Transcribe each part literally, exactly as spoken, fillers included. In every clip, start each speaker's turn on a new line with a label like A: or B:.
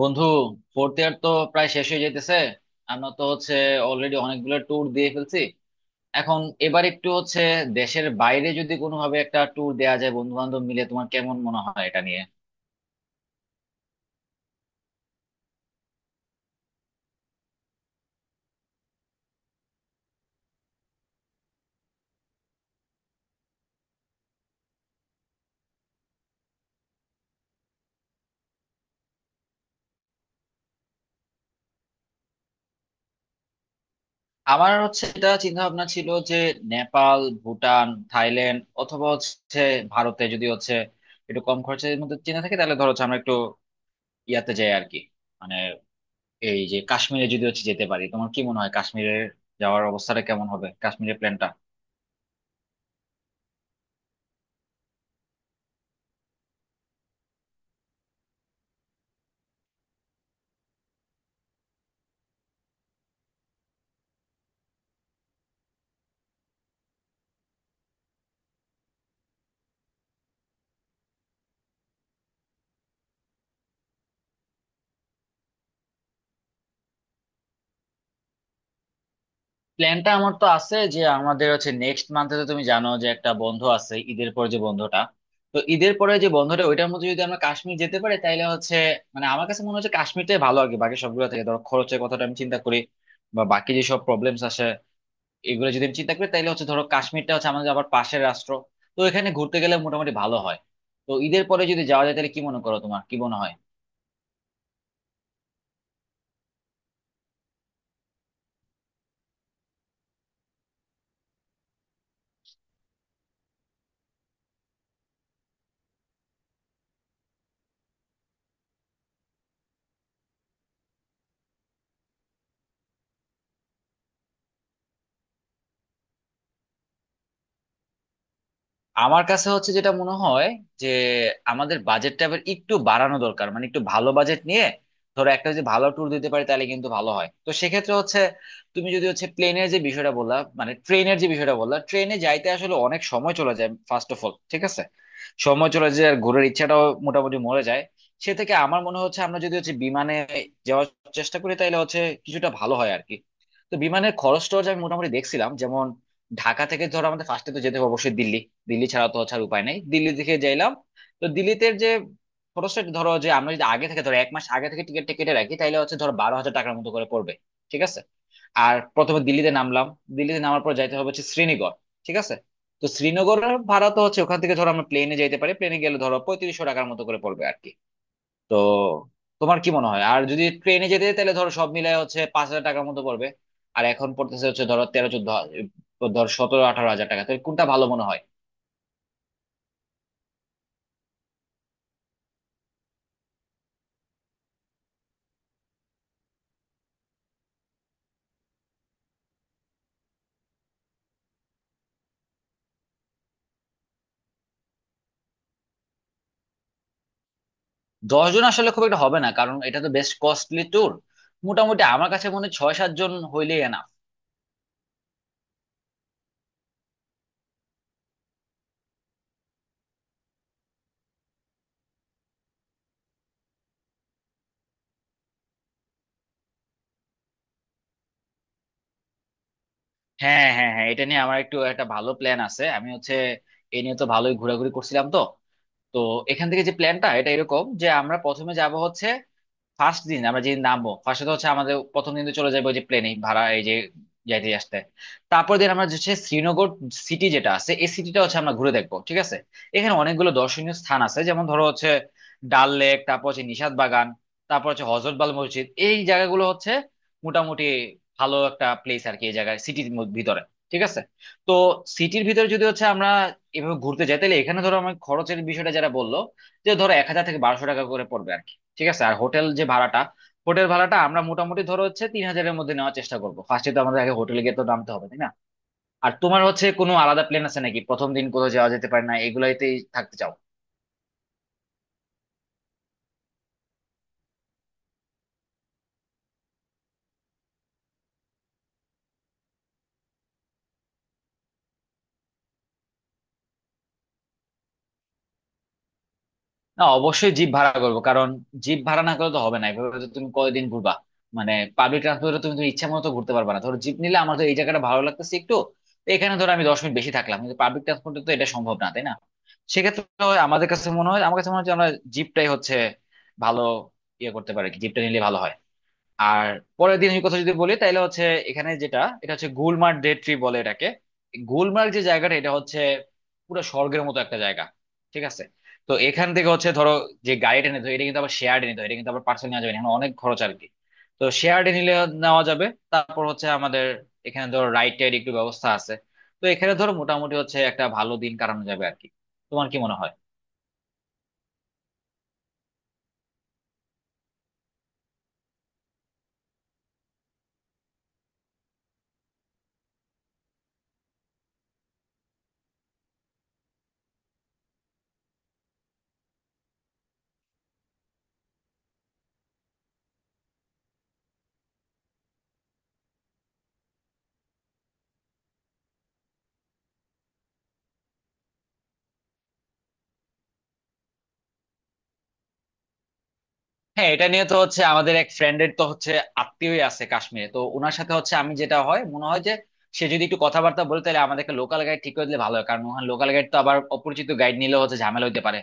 A: বন্ধু, fourth year তো প্রায় শেষ হয়ে যেতেছে। আমরা তো হচ্ছে অলরেডি অনেকগুলো ট্যুর দিয়ে ফেলছি। এখন এবার একটু হচ্ছে দেশের বাইরে যদি কোনোভাবে একটা ট্যুর দেওয়া যায় বন্ধু বান্ধব মিলে, তোমার কেমন মনে হয় এটা নিয়ে? আমার হচ্ছে এটা চিন্তা ভাবনা ছিল যে নেপাল, ভুটান, থাইল্যান্ড অথবা হচ্ছে ভারতে যদি হচ্ছে একটু কম খরচের মধ্যে চিন্তা থাকে, তাহলে ধরো হচ্ছে আমরা একটু ইয়াতে যাই আর কি। মানে এই যে কাশ্মীরে যদি হচ্ছে যেতে পারি, তোমার কি মনে হয় কাশ্মীরের যাওয়ার অবস্থাটা কেমন হবে, কাশ্মীরের প্ল্যানটা? প্ল্যানটা আমার তো আছে যে আমাদের হচ্ছে নেক্সট মান্থে, তো তুমি জানো যে একটা বন্ধ আছে ঈদের পর, যে বন্ধটা, তো ঈদের পরে যে বন্ধটা ওইটার মধ্যে যদি আমরা কাশ্মীর যেতে পারি তাহলে হচ্ছে, মানে আমার কাছে মনে হচ্ছে কাশ্মীরটাই ভালো আগে বাকি সবগুলো থেকে। ধরো খরচের কথাটা আমি চিন্তা করি বা বাকি যেসব প্রবলেমস আসে, এগুলো যদি আমি চিন্তা করি তাহলে হচ্ছে ধরো কাশ্মীরটা হচ্ছে আমাদের আবার পাশের রাষ্ট্র। তো এখানে ঘুরতে গেলে মোটামুটি ভালো হয়। তো ঈদের পরে যদি যাওয়া যায় তাহলে কি মনে করো, তোমার কি মনে হয়? আমার কাছে হচ্ছে যেটা মনে হয় যে আমাদের বাজেটটা এবার একটু বাড়ানো দরকার, মানে একটু ভালো বাজেট নিয়ে ধরো একটা যদি ভালো ট্যুর দিতে পারি তাহলে কিন্তু ভালো হয়। তো সেক্ষেত্রে হচ্ছে, তুমি যদি হচ্ছে প্লেনের যে বিষয়টা বললা, মানে ট্রেনের যে বিষয়টা বললা, ট্রেনে যাইতে আসলে অনেক সময় চলে যায়। ফার্স্ট অফ অল ঠিক আছে, সময় চলে যায়, আর ঘোরার ইচ্ছাটাও মোটামুটি মরে যায়। সে থেকে আমার মনে হচ্ছে আমরা যদি হচ্ছে বিমানে যাওয়ার চেষ্টা করি তাহলে হচ্ছে কিছুটা ভালো হয় আর কি। তো বিমানের খরচ টরচ আমি মোটামুটি দেখছিলাম। ঢাকা থেকে ধরো আমাদের ফার্স্টে তো যেতে হবে অবশ্যই দিল্লি, দিল্লি ছাড়া তো হচ্ছে আর উপায় নাই। দিল্লি থেকে যাইলাম, তো দিল্লিতে যে খরচটা ধরো, যে আমরা যদি আগে থেকে ধরো এক মাস আগে থেকে টিকিট কেটে রাখি তাহলে হচ্ছে ধরো বারো হাজার টাকার মতো করে পড়বে। ঠিক আছে, আর প্রথমে দিল্লিতে নামলাম, দিল্লিতে নামার পর যাইতে হবে হচ্ছে শ্রীনগর। ঠিক আছে, তো শ্রীনগরের ভাড়া তো হচ্ছে ওখান থেকে ধরো আমরা প্লেনে যাইতে পারি, প্লেনে গেলে ধরো পঁয়ত্রিশশো টাকার মতো করে পড়বে আর কি। তো তোমার কি মনে হয়? আর যদি ট্রেনে যেতে তাহলে ধরো সব মিলায় হচ্ছে পাঁচ হাজার টাকার মতো পড়বে, আর এখন পড়তেছে হচ্ছে ধরো তেরো চোদ্দ, ধর সতেরো আঠারো হাজার টাকা, তাহলে কোনটা ভালো মনে হয়? দশ জন আসলে খুব একটা হবে না, কারণ এটা তো বেশ কস্টলি ট্যুর। মোটামুটি আমার কাছে মনে হয় ছয় সাত জন হইলেই না? হ্যাঁ হ্যাঁ হ্যাঁ, এটা নিয়ে আমার একটু একটা ভালো প্ল্যান আছে। আমি হচ্ছে এ নিয়ে তো ভালোই ঘোরাঘুরি করছিলাম। তো তো এখান থেকে যে প্ল্যানটা, এটা এরকম যে আমরা প্রথমে যাব হচ্ছে, ফার্স্ট দিন আমরা যেদিন নামবো ফার্স্টে তো হচ্ছে আমাদের প্রথম দিন তো চলে যাবে ওই যে প্লেনে ভাড়া, এই যে যাইতে আসতে। তারপর দিন আমরা হচ্ছে শ্রীনগর সিটি যেটা আছে এই সিটিটা হচ্ছে আমরা ঘুরে দেখবো। ঠিক আছে, এখানে অনেকগুলো দর্শনীয় স্থান আছে, যেমন ধরো হচ্ছে ডাল লেক, তারপর হচ্ছে নিশাত বাগান, তারপর হচ্ছে হজরতবাল মসজিদ। এই জায়গাগুলো হচ্ছে মোটামুটি ভালো একটা প্লেস আর কি, এই জায়গায় সিটির ভিতরে। ঠিক আছে, তো সিটির ভিতরে যদি হচ্ছে আমরা এভাবে ঘুরতে যাই তাহলে এখানে ধরো আমার খরচের বিষয়টা যারা বললো যে ধরো এক হাজার থেকে বারোশো টাকা করে পড়বে। ঠিক আছে, আর হোটেল যে ভাড়াটা, হোটেল ভাড়াটা আমরা মোটামুটি ধরো হচ্ছে তিন হাজারের মধ্যে নেওয়ার চেষ্টা করবো। ফার্স্টে তো আমাদের আগে হোটেলে গিয়ে তো নামতে হবে, তাই না? আর তোমার হচ্ছে কোনো আলাদা প্ল্যান আছে নাকি? প্রথম দিন কোথাও যাওয়া যেতে পারে না, এগুলাইতেই থাকতে চাও? না, অবশ্যই জিপ ভাড়া করবো, কারণ জিপ ভাড়া না করলে তো হবে না। এভাবে তো তুমি কয়দিন ঘুরবা? মানে পাবলিক ট্রান্সপোর্টে তুমি তুমি ইচ্ছা মতো তো ঘুরতে পারবা না। ধরো জিপ নিলে আমার তো এই জায়গাটা ভালো লাগতেছে একটু, তো এখানে ধরো আমি দশ মিনিট বেশি থাকলাম, কিন্তু পাবলিক ট্রান্সপোর্টে তো এটা সম্ভব না, তাই না? সেক্ষেত্রে হয় আমাদের কাছে মনে হয়, আমার কাছে মনে হয় যে আমরা জিপটাই হচ্ছে ভালো ইয়ে করতে পারি, জিপটা নিলে ভালো হয়। আর পরের দিনের কথা যদি বলি তাহলে হচ্ছে, এখানে যেটা এটা হচ্ছে গুলমার্গ ডে ট্রি বলে এটাকে। গুলমার্গ যে জায়গাটা এটা হচ্ছে পুরো স্বর্গের মতো একটা জায়গা। ঠিক আছে, তো এখান থেকে হচ্ছে ধরো যে গাড়িটা নিতে হয় এটা কিন্তু আবার শেয়ার নিতে হয়, এটা কিন্তু আবার পার্সেল নেওয়া যাবে না, এখানে অনেক খরচ আর কি। তো শেয়ার নিলে নেওয়া যাবে। তারপর হচ্ছে আমাদের এখানে ধরো রাইড টাইড একটু ব্যবস্থা আছে। তো এখানে ধরো মোটামুটি হচ্ছে একটা ভালো দিন কাটানো যাবে আর কি। তোমার কি মনে হয়? হ্যাঁ, এটা নিয়ে তো হচ্ছে আমাদের এক ফ্রেন্ডের তো হচ্ছে আত্মীয়ই আছে কাশ্মীরে, তো ওনার সাথে হচ্ছে আমি যেটা হয় মনে হয় যে সে যদি একটু কথাবার্তা বলে তাহলে আমাদেরকে লোকাল গাইড ঠিক করে দিলে ভালো হয়, কারণ ওখানে লোকাল গাইড তো আবার অপরিচিত গাইড নিলে হচ্ছে ঝামেলা হইতে পারে।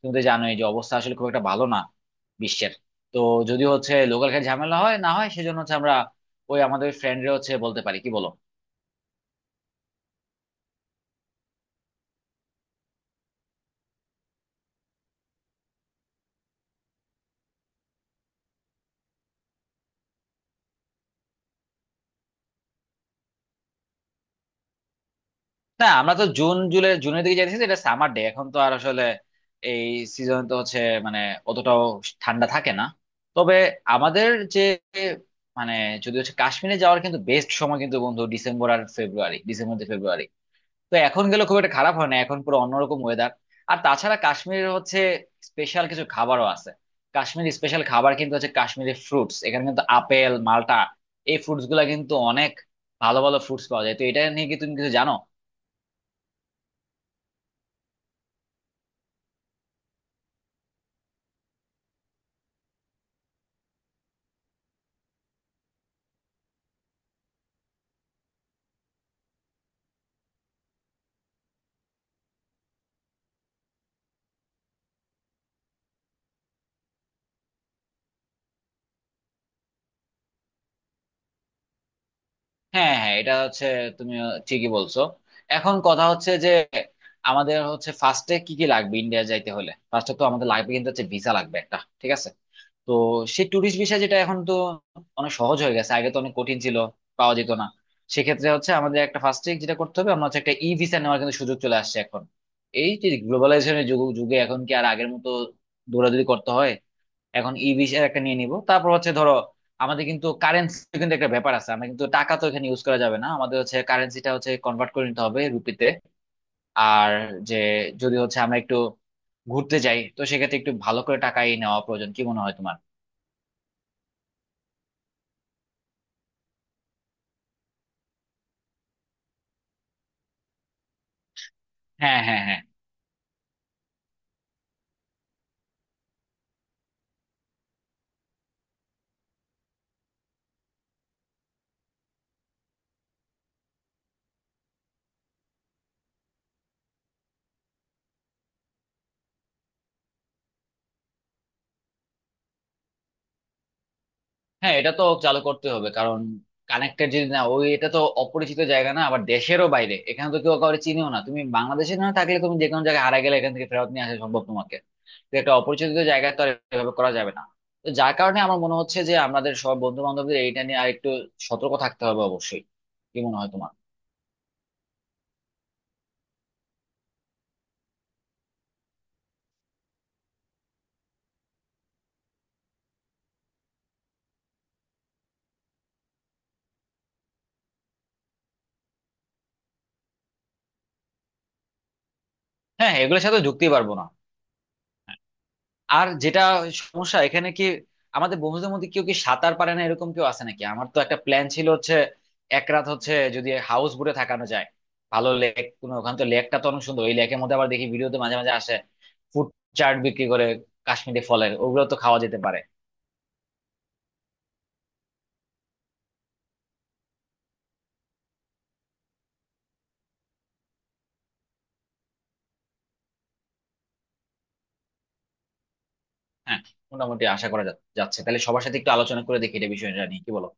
A: তুমি তো জানোই যে অবস্থা আসলে খুব একটা ভালো না বিশ্বের। তো যদি হচ্ছে লোকাল গাইড ঝামেলা হয় না হয় সেজন্য হচ্ছে আমরা ওই আমাদের ফ্রেন্ডরে হচ্ছে বলতে পারি, কি বলো? না, আমরা তো জুন জুলাই, জুনের দিকে যাইতেছি, এটা সামার ডে। এখন তো আর আসলে এই সিজন তো হচ্ছে মানে অতটাও ঠান্ডা থাকে না। তবে আমাদের যে, মানে যদি হচ্ছে কাশ্মীরে যাওয়ার কিন্তু বেস্ট সময় কিন্তু বন্ধু ডিসেম্বর আর ফেব্রুয়ারি, ডিসেম্বর থেকে ফেব্রুয়ারি। তো এখন গেলে খুব একটা খারাপ হয় না, এখন পুরো অন্যরকম ওয়েদার। আর তাছাড়া কাশ্মীরের হচ্ছে স্পেশাল কিছু খাবারও আছে। কাশ্মীর স্পেশাল খাবার কিন্তু হচ্ছে কাশ্মীরি ফ্রুটস, এখানে কিন্তু আপেল, মাল্টা, এই ফ্রুটস গুলা কিন্তু অনেক ভালো ভালো ফ্রুটস পাওয়া যায়। তো এটা নিয়ে কি তুমি কিছু জানো? হ্যাঁ হ্যাঁ, এটা হচ্ছে, তুমি ঠিকই বলছো। এখন কথা হচ্ছে যে আমাদের হচ্ছে ফার্স্টে কি কি লাগবে ইন্ডিয়া যাইতে হলে? ফার্স্টে তো আমাদের লাগবে কিন্তু হচ্ছে ভিসা, লাগবে একটা। ঠিক আছে, তো সেই ট্যুরিস্ট ভিসা যেটা এখন তো অনেক সহজ হয়ে গেছে, আগে তো অনেক কঠিন ছিল, পাওয়া যেত না। সেক্ষেত্রে হচ্ছে আমাদের একটা ফার্স্টে যেটা করতে হবে, আমরা হচ্ছে একটা ই ভিসা নেওয়ার কিন্তু সুযোগ চলে আসছে এখন। এই যে গ্লোবালাইজেশনের যুগ, যুগে এখন কি আর আগের মতো দৌড়াদৌড়ি করতে হয়? এখন ই ভিসার একটা নিয়ে নিব। তারপর হচ্ছে ধরো আমাদের কিন্তু কারেন্সি কিন্তু একটা ব্যাপার আছে, আমরা কিন্তু টাকা তো এখানে ইউজ করা যাবে না, আমাদের হচ্ছে কারেন্সিটা হচ্ছে কনভার্ট করে নিতে হবে রুপিতে। আর যে যদি হচ্ছে আমরা একটু ঘুরতে যাই তো সেক্ষেত্রে একটু ভালো করে টাকাই নেওয়া প্রয়োজন, কি মনে হয় তোমার? হ্যাঁ হ্যাঁ হ্যাঁ। হ্যাঁ, এটা তো চালু করতে হবে, কারণ কানেক্টেড যদি না, ওই এটা তো অপরিচিত জায়গা, না আবার দেশেরও বাইরে, এখানে তো কেউ কাউকে চিনিও না। তুমি বাংলাদেশে না থাকলে, তুমি যে কোনো জায়গায় হারা গেলে এখান থেকে ফেরত নিয়ে আসা সম্ভব তোমাকে, তো একটা অপরিচিত জায়গায় তো আর এভাবে করা যাবে না। তো যার কারণে আমার মনে হচ্ছে যে আমাদের সব বন্ধু বান্ধবদের এইটা নিয়ে আর একটু সতর্ক থাকতে হবে অবশ্যই। কি মনে হয় তোমার? হ্যাঁ হ্যাঁ, এগুলোর সাথে ঢুকতেই পারবো না। আর যেটা সমস্যা এখানে, কি আমাদের বন্ধুদের মধ্যে কেউ কি সাঁতার পারে না, এরকম কেউ আছে নাকি? আমার তো একটা প্ল্যান ছিল হচ্ছে এক রাত হচ্ছে যদি হাউস বোটে থাকানো যায় ভালো, লেক কোনো ওখানে তো লেকটা তো অনেক সুন্দর। ওই লেকের মধ্যে আবার দেখি ভিডিওতে মাঝে মাঝে আসে ফুড চাট বিক্রি করে, কাশ্মীরি ফলের ওগুলো তো খাওয়া যেতে পারে। হ্যাঁ, মোটামুটি আশা করা যা- যাচ্ছে তাহলে সবার সাথে একটু আলোচনা করে দেখি এটা বিষয়টা নিয়ে, কি বলো?